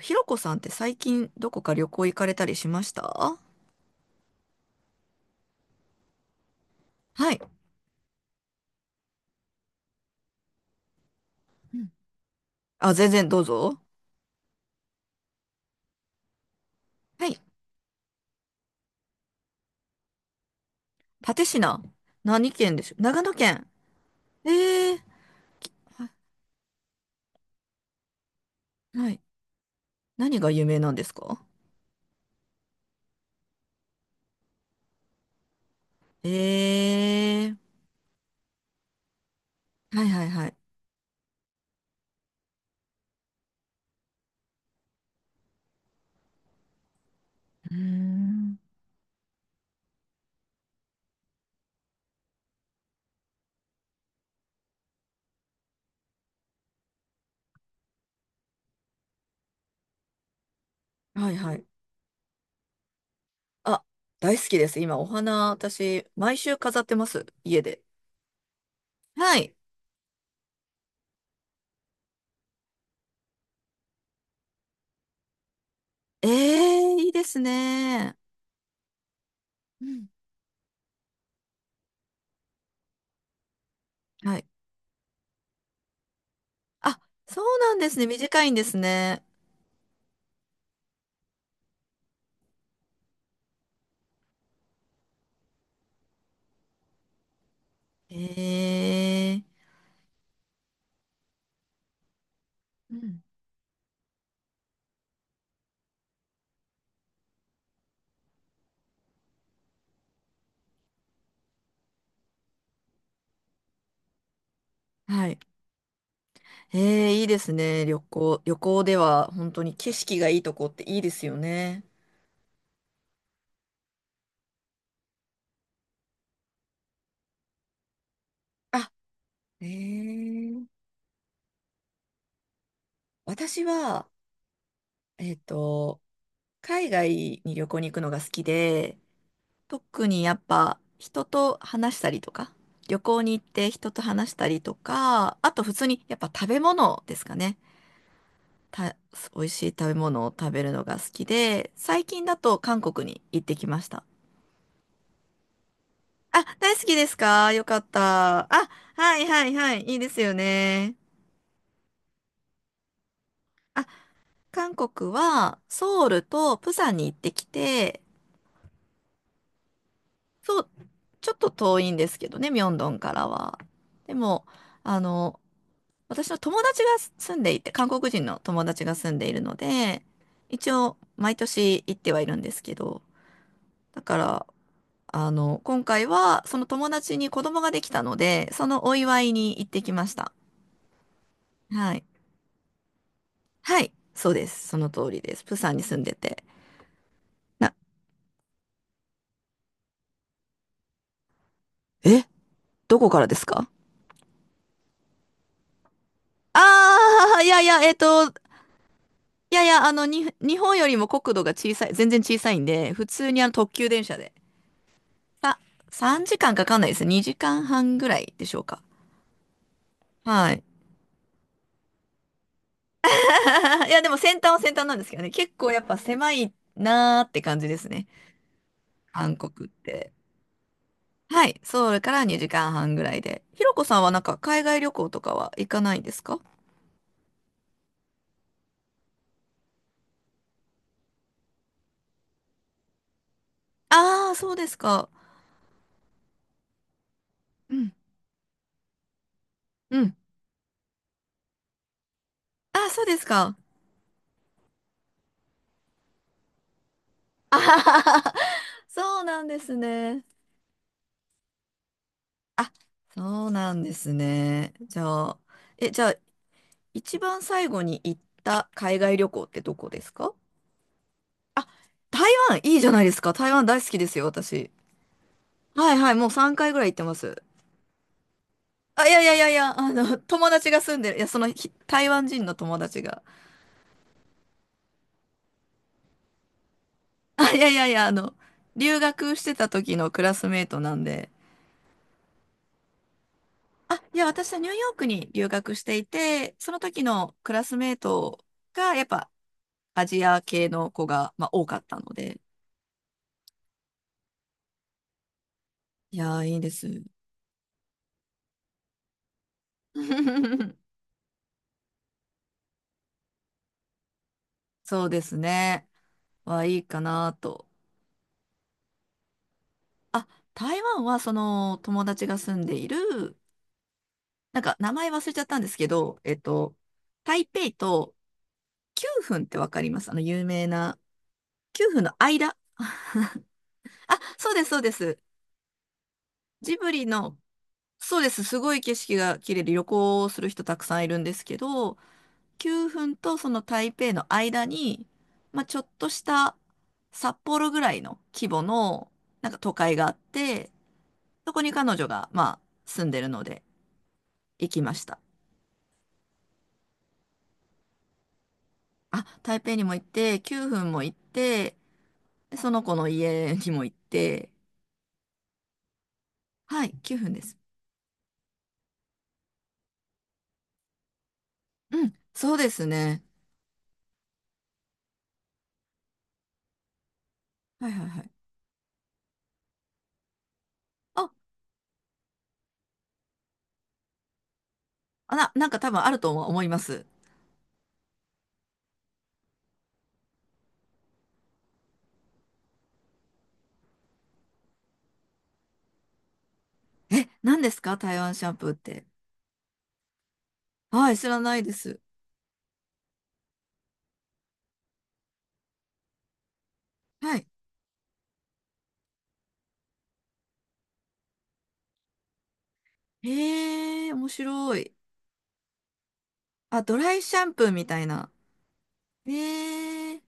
ひろこさんって最近どこか旅行行かれたりしました？はい。うん。あ、全然どうぞ。はい。蓼科。何県でしょ？長野県。ええー。はい。何が有名なんですか？ええー。はいはいはい。うーん。はいはい。あ、大好きです。今お花、私、毎週飾ってます。家で。はい。ええー、いいですね。うん。はい。あ、そうなんですね。短いんですね。ええ。うん。はい。えー、いいですね。旅行。旅行では本当に景色がいいとこっていいですよね。あ、えー、私は、えっと、海外に旅行に行くのが好きで、特にやっぱ人と話したりとか、旅行に行って人と話したりとか、あと普通にやっぱ食べ物ですかね。た、美味しい食べ物を食べるのが好きで、最近だと韓国に行ってきました。あ、大好きですか？よかった。あ、はいはいはい。いいですよね。あ、韓国はソウルとプサンに行ってきて、そう、ちょっと遠いんですけどね、ミョンドンからは。でも、あの、私の友達が住んでいて、韓国人の友達が住んでいるので、一応毎年行ってはいるんですけど、だから、あの、今回はその友達に子供ができたので、そのお祝いに行ってきました。はい。はい、そうです。その通りです。プサンに住んでて。な、え、どこからですか？ああー、いやいや、いやいや、あの、日本よりも国土が小さい、全然小さいんで、普通にあの特急電車で。さ、3時間かんかかんないですね。2時間半ぐらいでしょうか。はい。いや、でも先端は先端なんですけどね、結構やっぱ狭いなーって感じですね。韓国って。はい、ソウルから2時間半ぐらいで。ひろこさんはなんか海外旅行とかは行かないんですか？ああー、そうですか。うん。うん。あ、そうですか。あはははそうなんですね。あ、そうなんですね。じゃあ、え、じゃあ、一番最後に行った海外旅行ってどこですか？台湾、いいじゃないですか。台湾大好きですよ、私。はいはい、もう3回ぐらい行ってます。あ、いやいやいやいや、あの、友達が住んでる、いや、その、ひ台湾人の友達が。あ、いやいやいや、あの、留学してた時のクラスメートなんで、あ、いや、私はニューヨークに留学していて、その時のクラスメートが、やっぱアジア系の子が、まあ、多かったので、いやー、いいです。そうですね。は、いいかなと。あ、台湾は、その、友達が住んでいる、なんか、名前忘れちゃったんですけど、台北と9分ってわかります？あの、有名な、9分の間。あ、そうです、そうです。ジブリのそうです。すごい景色が綺麗で旅行をする人たくさんいるんですけど、9分とその台北の間に、まあ、ちょっとした札幌ぐらいの規模のなんか都会があって、そこに彼女がまあ住んでるので行きました。あ、台北にも行って、9分も行って、でその子の家にも行って、はい、9分です。うん、そうですね。はいはいはい。あ、なんか多分あると思います。え、何ですか台湾シャンプーって。はい、知らないです。はい。へえ、面白い。あ、ドライシャンプーみたいな。へえ。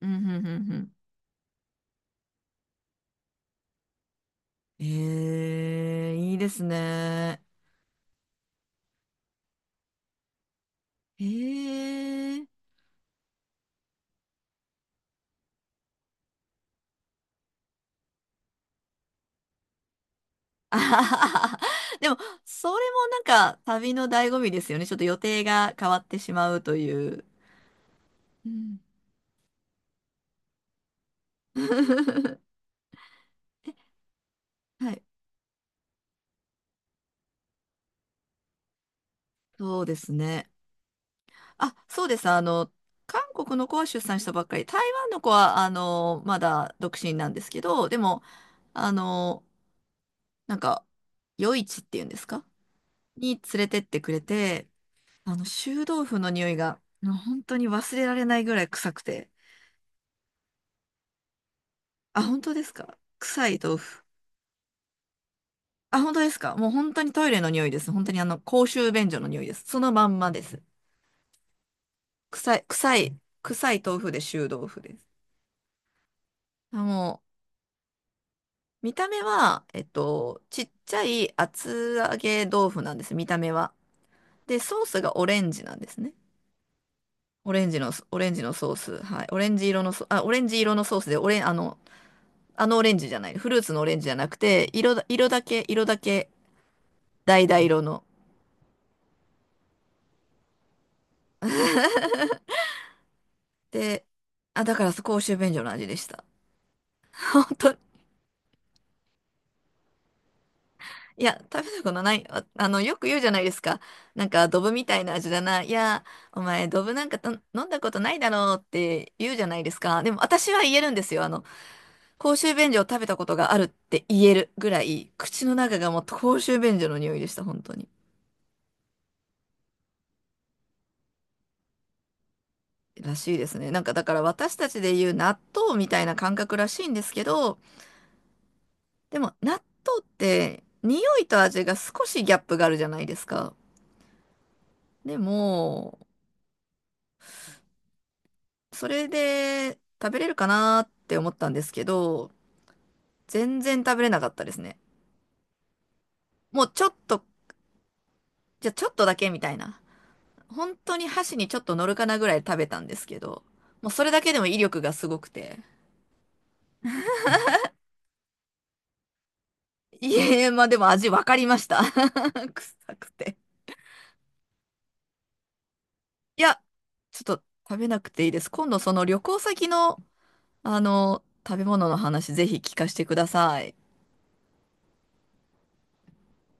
うん、うん、うん、うん。へえ、いいですね。へえ。あはははでも、それもなんか旅の醍醐味ですよね。ちょっと予定が変わってしまうという。うん。 はい、そうですね。あ、そうです。あの、韓国の子は出産したばっかり、台湾の子は、あの、まだ独身なんですけど、でも、あの、なんか、夜市っていうんですか？に連れてってくれて、あの、臭豆腐の匂いが、もう本当に忘れられないぐらい臭くて。あ、本当ですか？臭い豆腐。あ、本当ですか？もう本当にトイレの匂いです。本当にあの、公衆便所の匂いです。そのまんまです。臭い、臭い、臭い豆腐で臭豆腐です。あもう、見た目は、ちっちゃい厚揚げ豆腐なんです、見た目は。で、ソースがオレンジなんですね。オレンジのソ、オレンジのソース。はい。オレンジ色のソ、あ、オレンジ色のソースで、オレン、あの、あのオレンジじゃない。フルーツのオレンジじゃなくて、色だ、色だけ、色だけ、橙色の。で、あ、だから公衆便所の味でした。本当いや、食べたことない。あ、あの、よく言うじゃないですか。なんか、ドブみたいな味だな。いや、お前、ドブなんかと飲んだことないだろうって言うじゃないですか。でも、私は言えるんですよ。あの、公衆便所を食べたことがあるって言えるぐらい、口の中がもう公衆便所の匂いでした、本当に。らしいですね。なんか、だから私たちで言う納豆みたいな感覚らしいんですけど、でも、納豆って、匂いと味が少しギャップがあるじゃないですか。でも、それで食べれるかなって思ったんですけど、全然食べれなかったですね。もうちょっと、じゃあちょっとだけみたいな。本当に箸にちょっと乗るかなぐらい食べたんですけど、もうそれだけでも威力がすごくて。いえ、まあでも味わかりました。臭くて。いや、ちょっと食べなくていいです。今度その旅行先の、あの、食べ物の話ぜひ聞かせてください。